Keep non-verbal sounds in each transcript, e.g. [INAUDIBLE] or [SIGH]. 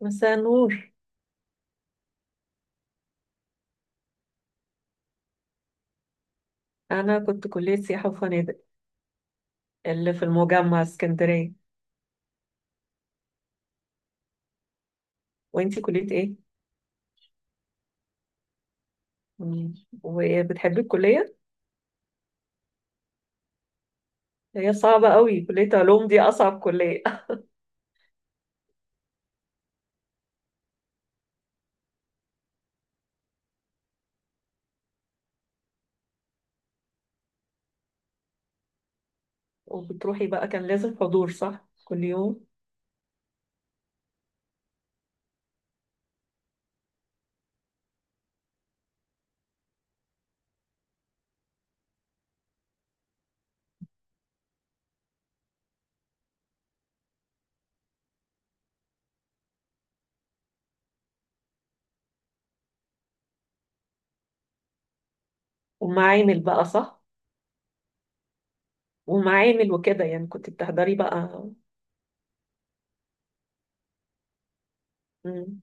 مساء النور. أنا كنت كلية سياحة وفنادق اللي في المجمع اسكندرية. وأنتي كلية إيه؟ مم. وبتحبي الكلية؟ هي صعبة قوي، كلية علوم دي أصعب كلية [LAUGHS] وبتروحي بقى كان لازم حضور صح؟ كل يوم؟ ومعامل بقى صح؟ ومعامل وكده، يعني كنت بتحضري بقى. مم.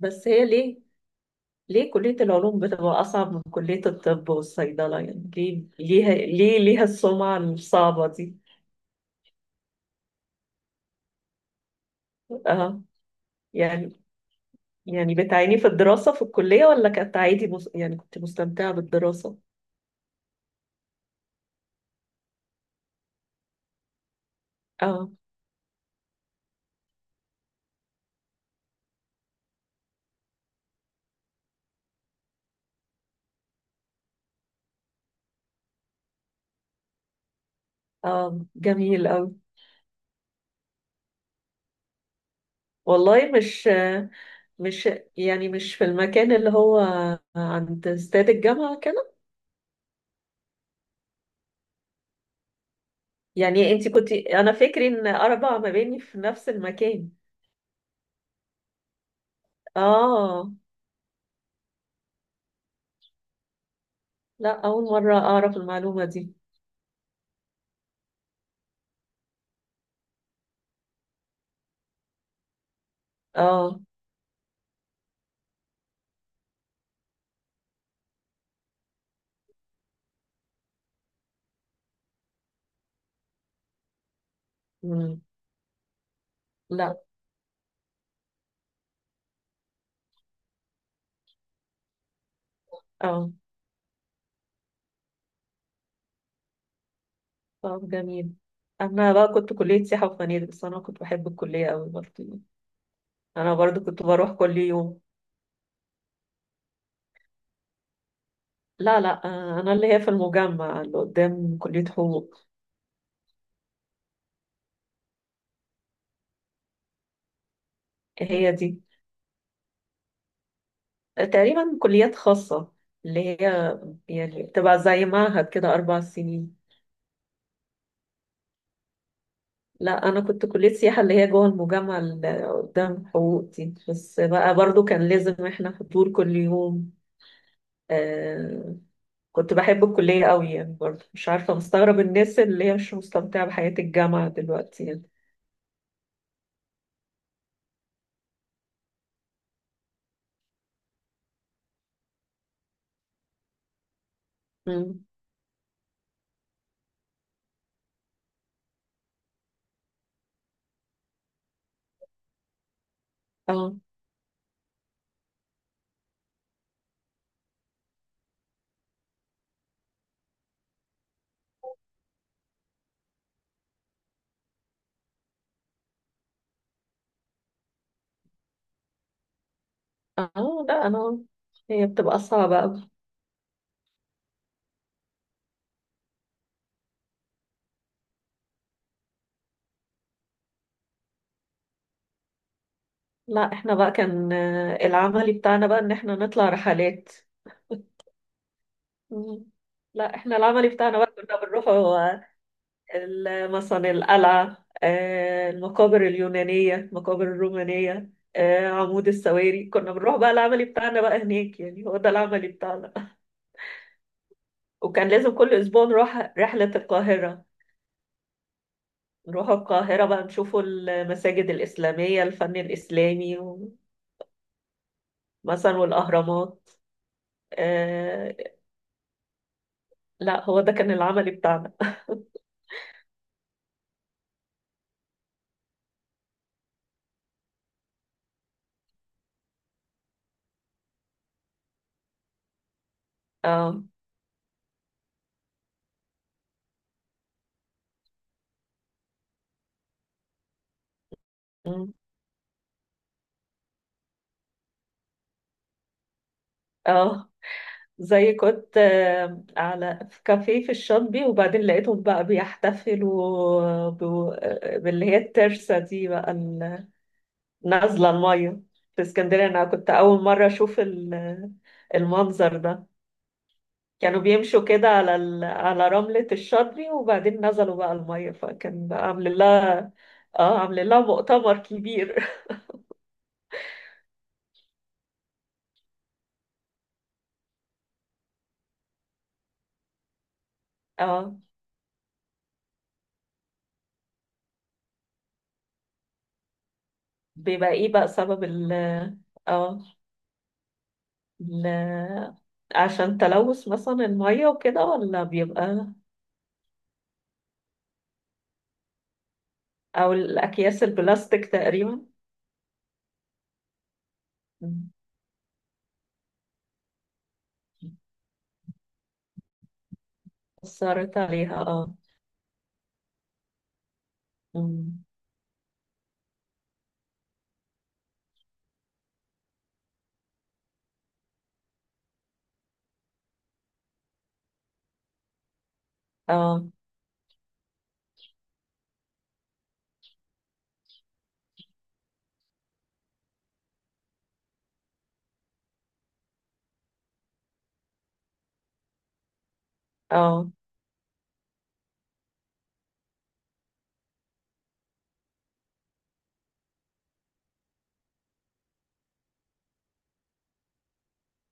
بس هي ليه؟ ليه كلية العلوم بتبقى أصعب من كلية الطب والصيدلة؟ يعني ليه ليها السمعة الصعبة دي؟ اه، يعني يعني بتعاني في الدراسة في الكلية، ولا كانت عادي؟ يعني كنت مستمتعة بالدراسة؟ اه. اه جميل أوي. والله مش يعني مش في المكان اللي هو عند استاد الجامعة كده؟ يعني انت كنت، انا فكري ان اربع مباني في نفس المكان. اه، لا، اول مرة اعرف المعلومة دي. اه. مم. لا. اه، طب جميل. انا بقى كنت كلية سياحة وفنادق، بس انا كنت بحب الكلية أوي برضه. انا برضو كنت بروح كل يوم. لا لا، انا اللي هي في المجمع اللي قدام كلية حقوق. هي دي تقريبا كليات خاصة اللي هي، يعني بتبقى زي معهد كده اربع سنين. لا انا كنت كلية سياحة اللي هي جوه المجمع اللي قدام حقوق دي، بس بقى برضو كان لازم احنا حضور كل يوم. آه. كنت بحب الكلية قوي، يعني برضو مش عارفة، مستغرب الناس اللي هي مش مستمتعة بحياة الجامعة دلوقتي يعني. مم. اه. اه لا انا، هي بتبقى صعبة أوي. لا احنا بقى كان، العملي بتاعنا بقى ان احنا نطلع رحلات. مم. لا احنا العملي بتاعنا بقى كنا بنروح هو مثلا القلعة، المقابر اليونانية، المقابر الرومانية، عمود السواري. كنا بنروح بقى العملي بتاعنا بقى هناك، يعني هو ده العملي بتاعنا. وكان لازم كل أسبوع نروح رحلة القاهرة. نروح القاهرة بقى نشوفوا المساجد الإسلامية، الفن الإسلامي، مثلا والأهرامات. آه، لا هو ده كان العملي بتاعنا. آه. مم. اه. زي كنت على، في كافيه في الشاطبي، وبعدين لقيتهم بقى بيحتفلوا باللي هي الترسة دي بقى، نازلة المية في اسكندرية. أنا كنت أول مرة أشوف المنظر ده. كانوا بيمشوا كده على على رملة الشاطبي، وبعدين نزلوا بقى المية، فكان بقى عامل لها، اه عامل لها مؤتمر كبير. [LAUGHS] اه. بيبقى ايه بقى سبب ال، اه، ل... عشان تلوث مثلا المية وكده، ولا بيبقى أو الأكياس البلاستيك تقريبا؟ مم. أثرت عليها، اه. مم. اه. اه.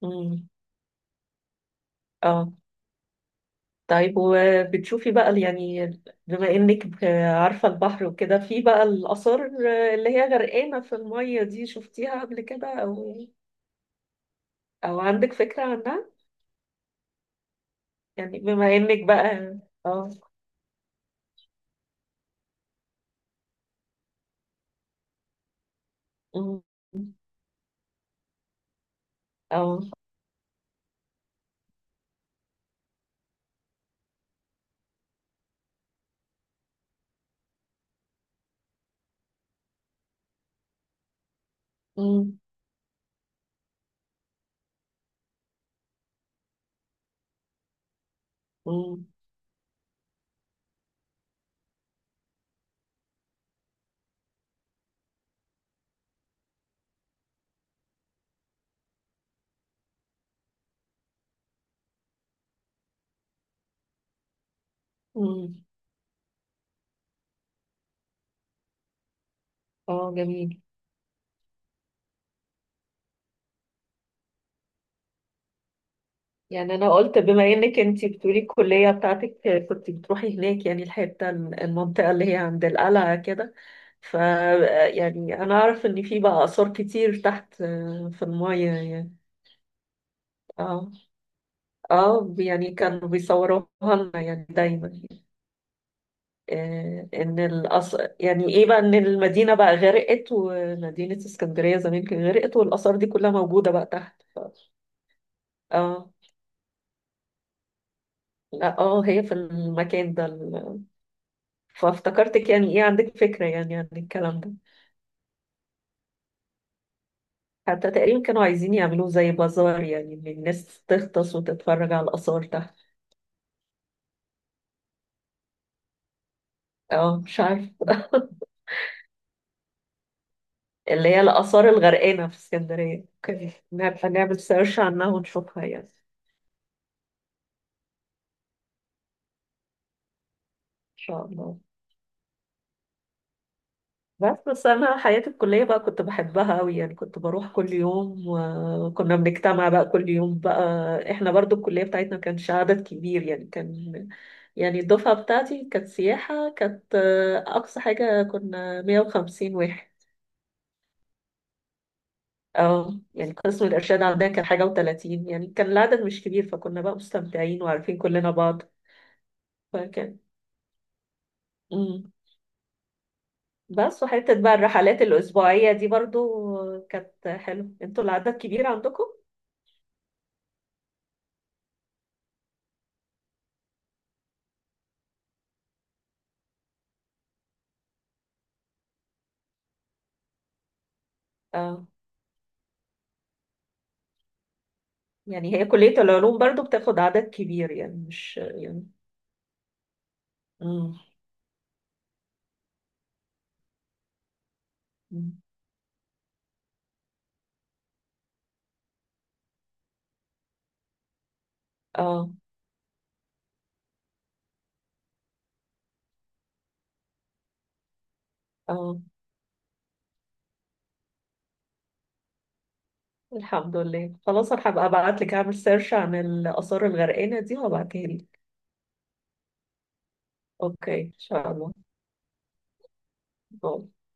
مم. اه طيب، وبتشوفي بقى يعني، بما إنك عارفة البحر وكده، في بقى الآثار اللي هي غرقانة في المية دي، شفتيها قبل كده، أو أو عندك فكرة عنها؟ يعني بما إنك بقى، اه. مم. اه. مم. مم. مم. اه جميل. يعني انا قلت بما انك انتي بتقولي الكليه بتاعتك كنت بتروحي هناك، يعني الحته المنطقه اللي هي عند القلعه كده، ف، يعني انا اعرف ان في بقى اثار كتير تحت، في المايه يعني. اه. اه يعني كانوا بيصوروها لنا يعني دايما، ان يعني ايه بقى، ان المدينه بقى غرقت، ومدينه اسكندريه زمان كانت غرقت، والاثار دي كلها موجوده بقى تحت. اه. لا اه، هي في المكان ده، فافتكرتك يعني ايه عندك فكرة يعني عن الكلام ده. حتى تقريبا كانوا عايزين يعملوه زي بازار، يعني ان الناس تغطس وتتفرج على الآثار تحت. اه مش عارف. [LAUGHS] اللي هي الآثار الغرقانة في اسكندرية. اوكي، نبقى نعمل سيرش عنها ونشوفها، يعني ان شاء الله. بس انا حياتي الكليه بقى كنت بحبها قوي، يعني كنت بروح كل يوم، وكنا بنجتمع بقى كل يوم بقى. احنا برضو الكليه بتاعتنا ما كانش عدد كبير، يعني كان، يعني الدفعه بتاعتي كانت سياحه، كانت اقصى حاجه كنا 150 واحد. اه يعني قسم الارشاد عندنا كان حاجه و30، يعني كان العدد مش كبير، فكنا بقى مستمتعين وعارفين كلنا بعض. فكان، مم. بس وحته بقى الرحلات الاسبوعيه دي برضو كانت حلوه. انتوا العدد كبير عندكم؟ آه. يعني هي كلية العلوم برضو بتاخد عدد كبير، يعني مش يعني. مم. مم. اه. اه الحمد لله. خلاص انا هبقى ابعت لك، اعمل سيرش عن الآثار الغرقانة دي وهبعتها لك. اوكي ان شاء الله. باي.